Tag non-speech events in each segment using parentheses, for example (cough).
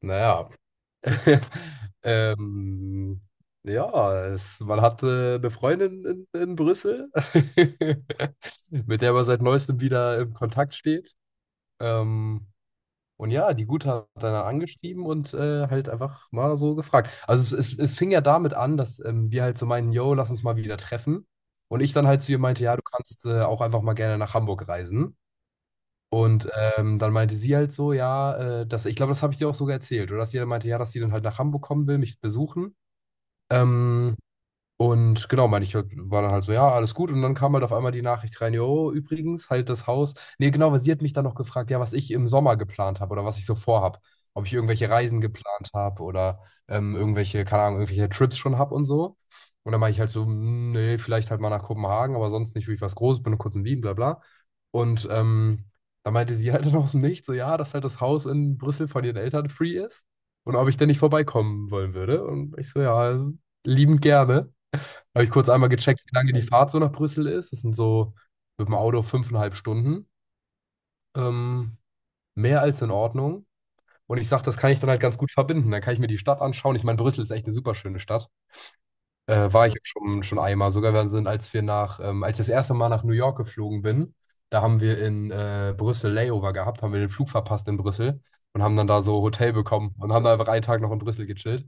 Naja, (laughs) ähm, ja, man hatte eine Freundin in Brüssel, (laughs) mit der man seit neuestem wieder im Kontakt steht. Ähm, und ja, die Gute hat dann angeschrieben und halt einfach mal so gefragt. Also es fing ja damit an, dass wir halt so meinen, yo, lass uns mal wieder treffen. Und ich dann halt zu ihr meinte, ja, du kannst auch einfach mal gerne nach Hamburg reisen. Und dann meinte sie halt so, ja, dass, ich glaube, das habe ich dir auch sogar erzählt, oder dass sie dann meinte, ja, dass sie dann halt nach Hamburg kommen will, mich besuchen. Ähm, und genau, meine ich, war dann halt so, ja, alles gut. Und dann kam halt auf einmal die Nachricht rein, jo, übrigens, halt das Haus. Nee, genau, weil sie hat mich dann noch gefragt, ja, was ich im Sommer geplant habe oder was ich so vorhab. Ob ich irgendwelche Reisen geplant habe oder irgendwelche, keine Ahnung, irgendwelche Trips schon habe und so. Und dann meine ich halt so: Mm, nee, vielleicht halt mal nach Kopenhagen, aber sonst nicht wirklich was Großes, bin nur kurz in Wien, bla bla. Und dann meinte sie halt (laughs) dann aus dem Nichts, so, ja, dass halt das Haus in Brüssel von ihren Eltern free ist und ob ich denn nicht vorbeikommen wollen würde. Und ich so, ja, liebend gerne. Habe ich kurz einmal gecheckt, wie lange die Fahrt so nach Brüssel ist. Es sind so mit dem Auto fünfeinhalb Stunden. Ähm, Mehr als in Ordnung. Und ich sage, das kann ich dann halt ganz gut verbinden. Dann kann ich mir die Stadt anschauen. Ich meine, Brüssel ist echt eine super schöne Stadt. War ich auch schon einmal. Sogar wir sind, als ich das erste Mal nach New York geflogen bin, da haben wir in Brüssel Layover gehabt, haben wir den Flug verpasst in Brüssel und haben dann da so Hotel bekommen und haben da einfach einen Tag noch in Brüssel gechillt.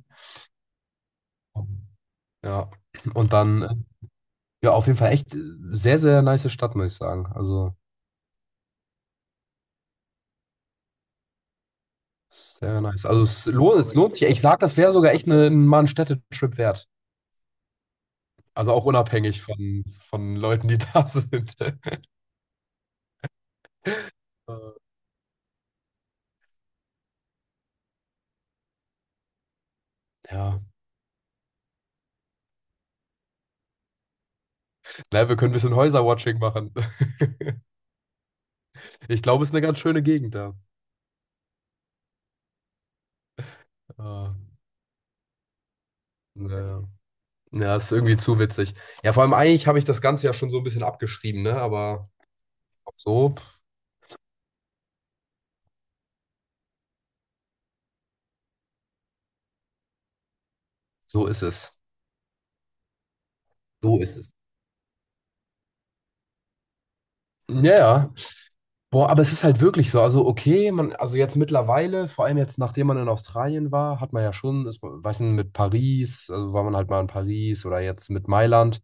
Ja. Und dann Ja, auf jeden Fall echt sehr, sehr nice Stadt, muss ich sagen. Also, sehr nice. Also, es lohnt sich. Ich sag, das wäre sogar echt mal ein Städtetrip wert. Also auch unabhängig von Leuten, die da sind. (laughs) Äh, Ja. Naja, wir können ein bisschen Häuserwatching machen. (laughs) Ich glaube, es ist eine ganz schöne Gegend da. Äh, Naja. Ja, ja, ist irgendwie zu witzig. Ja, vor allem eigentlich habe ich das Ganze ja schon so ein bisschen abgeschrieben, ne? Aber so, so ist es. So ist es. Ja, ja. Boah, aber es ist halt wirklich so. Also, okay, man, also jetzt mittlerweile, vor allem jetzt, nachdem man in Australien war, hat man ja schon, ist, weiß nicht, mit Paris, also war man halt mal in Paris oder jetzt mit Mailand,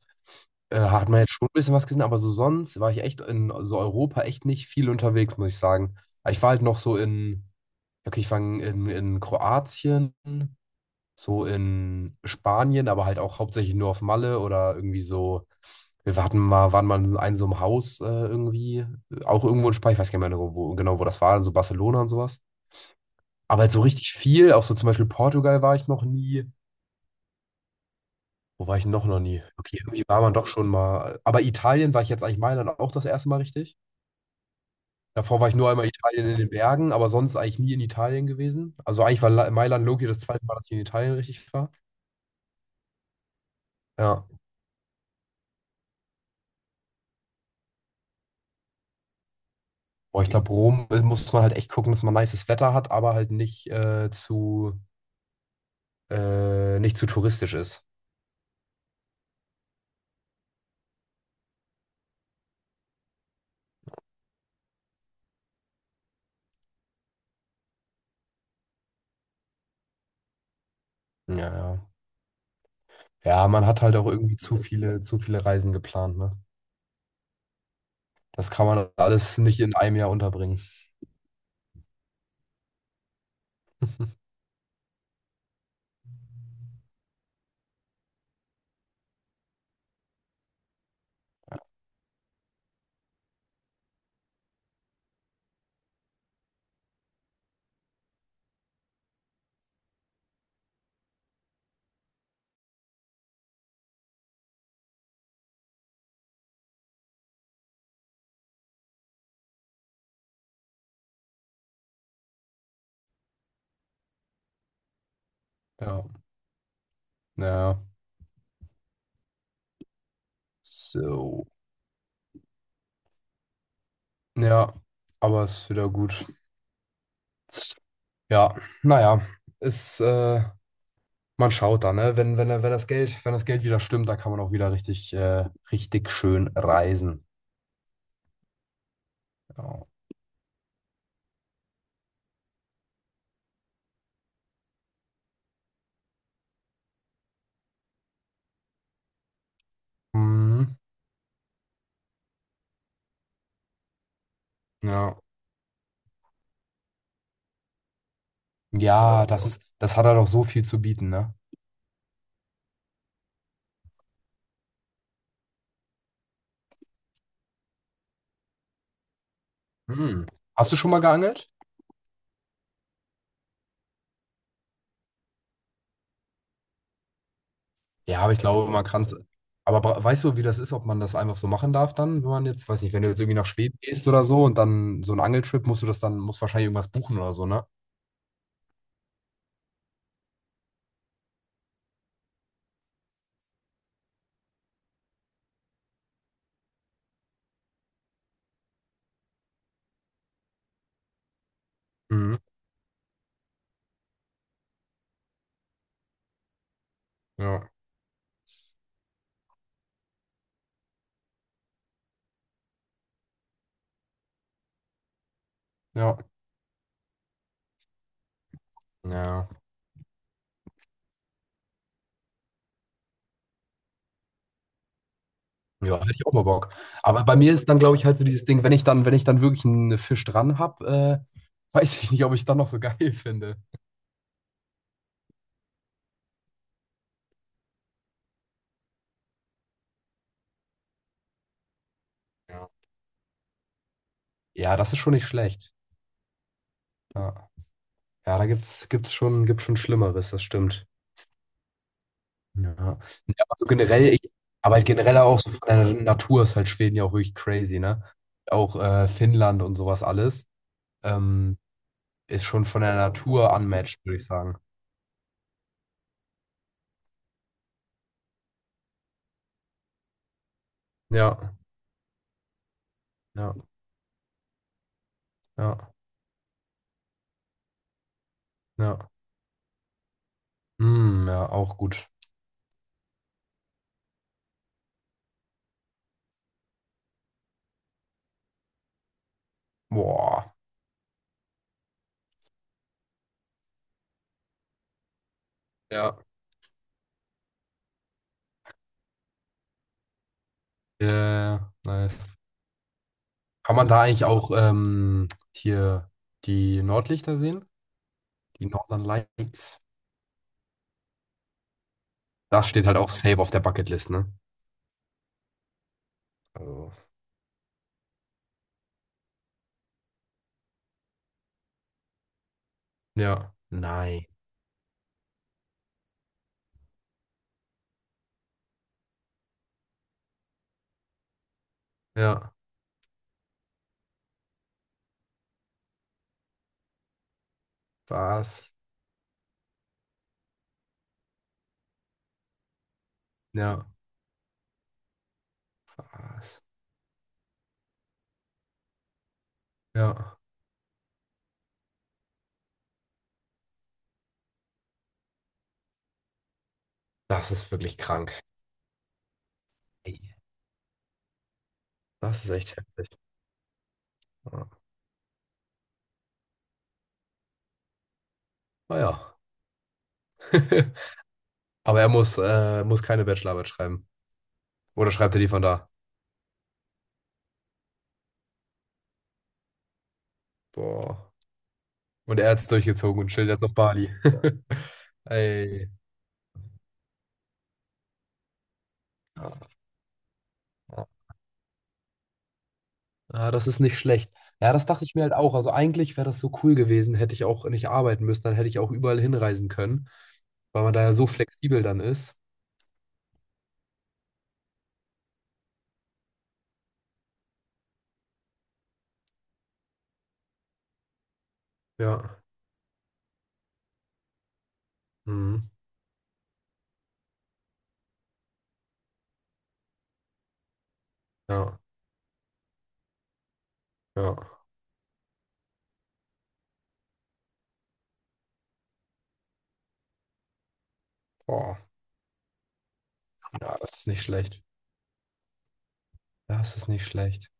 hat man jetzt schon ein bisschen was gesehen, aber so sonst war ich echt in so Europa echt nicht viel unterwegs, muss ich sagen. Ich war halt noch so in, okay, ich war in Kroatien, so in Spanien, aber halt auch hauptsächlich nur auf Malle oder irgendwie so. Wir hatten mal, waren mal in einem so einem Haus irgendwie, auch irgendwo in Spanien, ich weiß gar nicht mehr genau, wo das war, so Barcelona und sowas. Aber halt so richtig viel, auch so zum Beispiel Portugal war ich noch nie. Wo war ich noch nie? Okay, irgendwie war man doch schon mal. Aber Italien war ich jetzt eigentlich Mailand auch das erste Mal richtig. Davor war ich nur einmal Italien in den Bergen, aber sonst eigentlich nie in Italien gewesen. Also eigentlich war Mailand Loki das zweite Mal, dass ich in Italien richtig war. Ja. Boah, ich glaube, Rom muss man halt echt gucken, dass man nices Wetter hat, aber halt nicht zu touristisch ist. Ja, ja. Ja, man hat halt auch irgendwie zu viele Reisen geplant, ne? Das kann man alles nicht in einem Jahr unterbringen. (laughs) Ja, ja. So. Ja, aber ist wieder gut. Ja, naja, ist, äh, man schaut da, ne? Wenn das Geld wieder stimmt, dann kann man auch wieder richtig schön reisen. Ja. Mhm. Ja. Ja, das hat er doch so viel zu bieten, ne? hm, Hast du schon mal geangelt? Ja, aber ich glaube, man kann es. Aber weißt du, wie das ist, ob man das einfach so machen darf dann, wenn man jetzt, weiß nicht, wenn du jetzt irgendwie nach Schweden gehst oder so und dann so einen Angeltrip, musst du das dann, musst wahrscheinlich irgendwas buchen oder so, ne? Mhm. Ja, ja. Ja, ja, hätte ich auch mal Bock. Aber bei mir ist dann, glaube ich, halt so dieses Ding, wenn ich dann, wenn ich dann wirklich einen Fisch dran habe, (laughs) weiß ich nicht, ob ich es dann noch so geil finde. Ja. Ja, das ist schon nicht schlecht. Ja. Ja, da gibt's schon Schlimmeres, das stimmt. Ja. Ja. Also, ja, generell, aber generell auch so von der Natur ist halt Schweden ja auch wirklich crazy, ne? Auch Finnland und sowas alles ähm, ist schon von der Natur unmatched, würde ich sagen. Ja, ja, ja, ja. Ja, auch gut. Boah. Ja. Ja, nice. Kann man da eigentlich auch hier die Nordlichter sehen? Die Northern Lights? Das steht halt auch safe auf der Bucketlist, ne? Also. Ja. Nein. Ja. Was? Ja. Was? Ja. Das ist wirklich krank. Ey, das ist echt heftig. Ja. Naja. (laughs) Aber er muss keine Bachelorarbeit schreiben. Oder schreibt er die von da? Boah. Und er hat es durchgezogen und chillt jetzt auf Bali. (laughs) Ey. Ja, ja. Ja, das ist nicht schlecht. Ja, das dachte ich mir halt auch. Also eigentlich wäre das so cool gewesen, hätte ich auch nicht arbeiten müssen, dann hätte ich auch überall hinreisen können, weil man da ja so flexibel dann ist. Ja. Mhm. Ja. Ja. Boah. Ja, das ist nicht schlecht. Das ist nicht schlecht.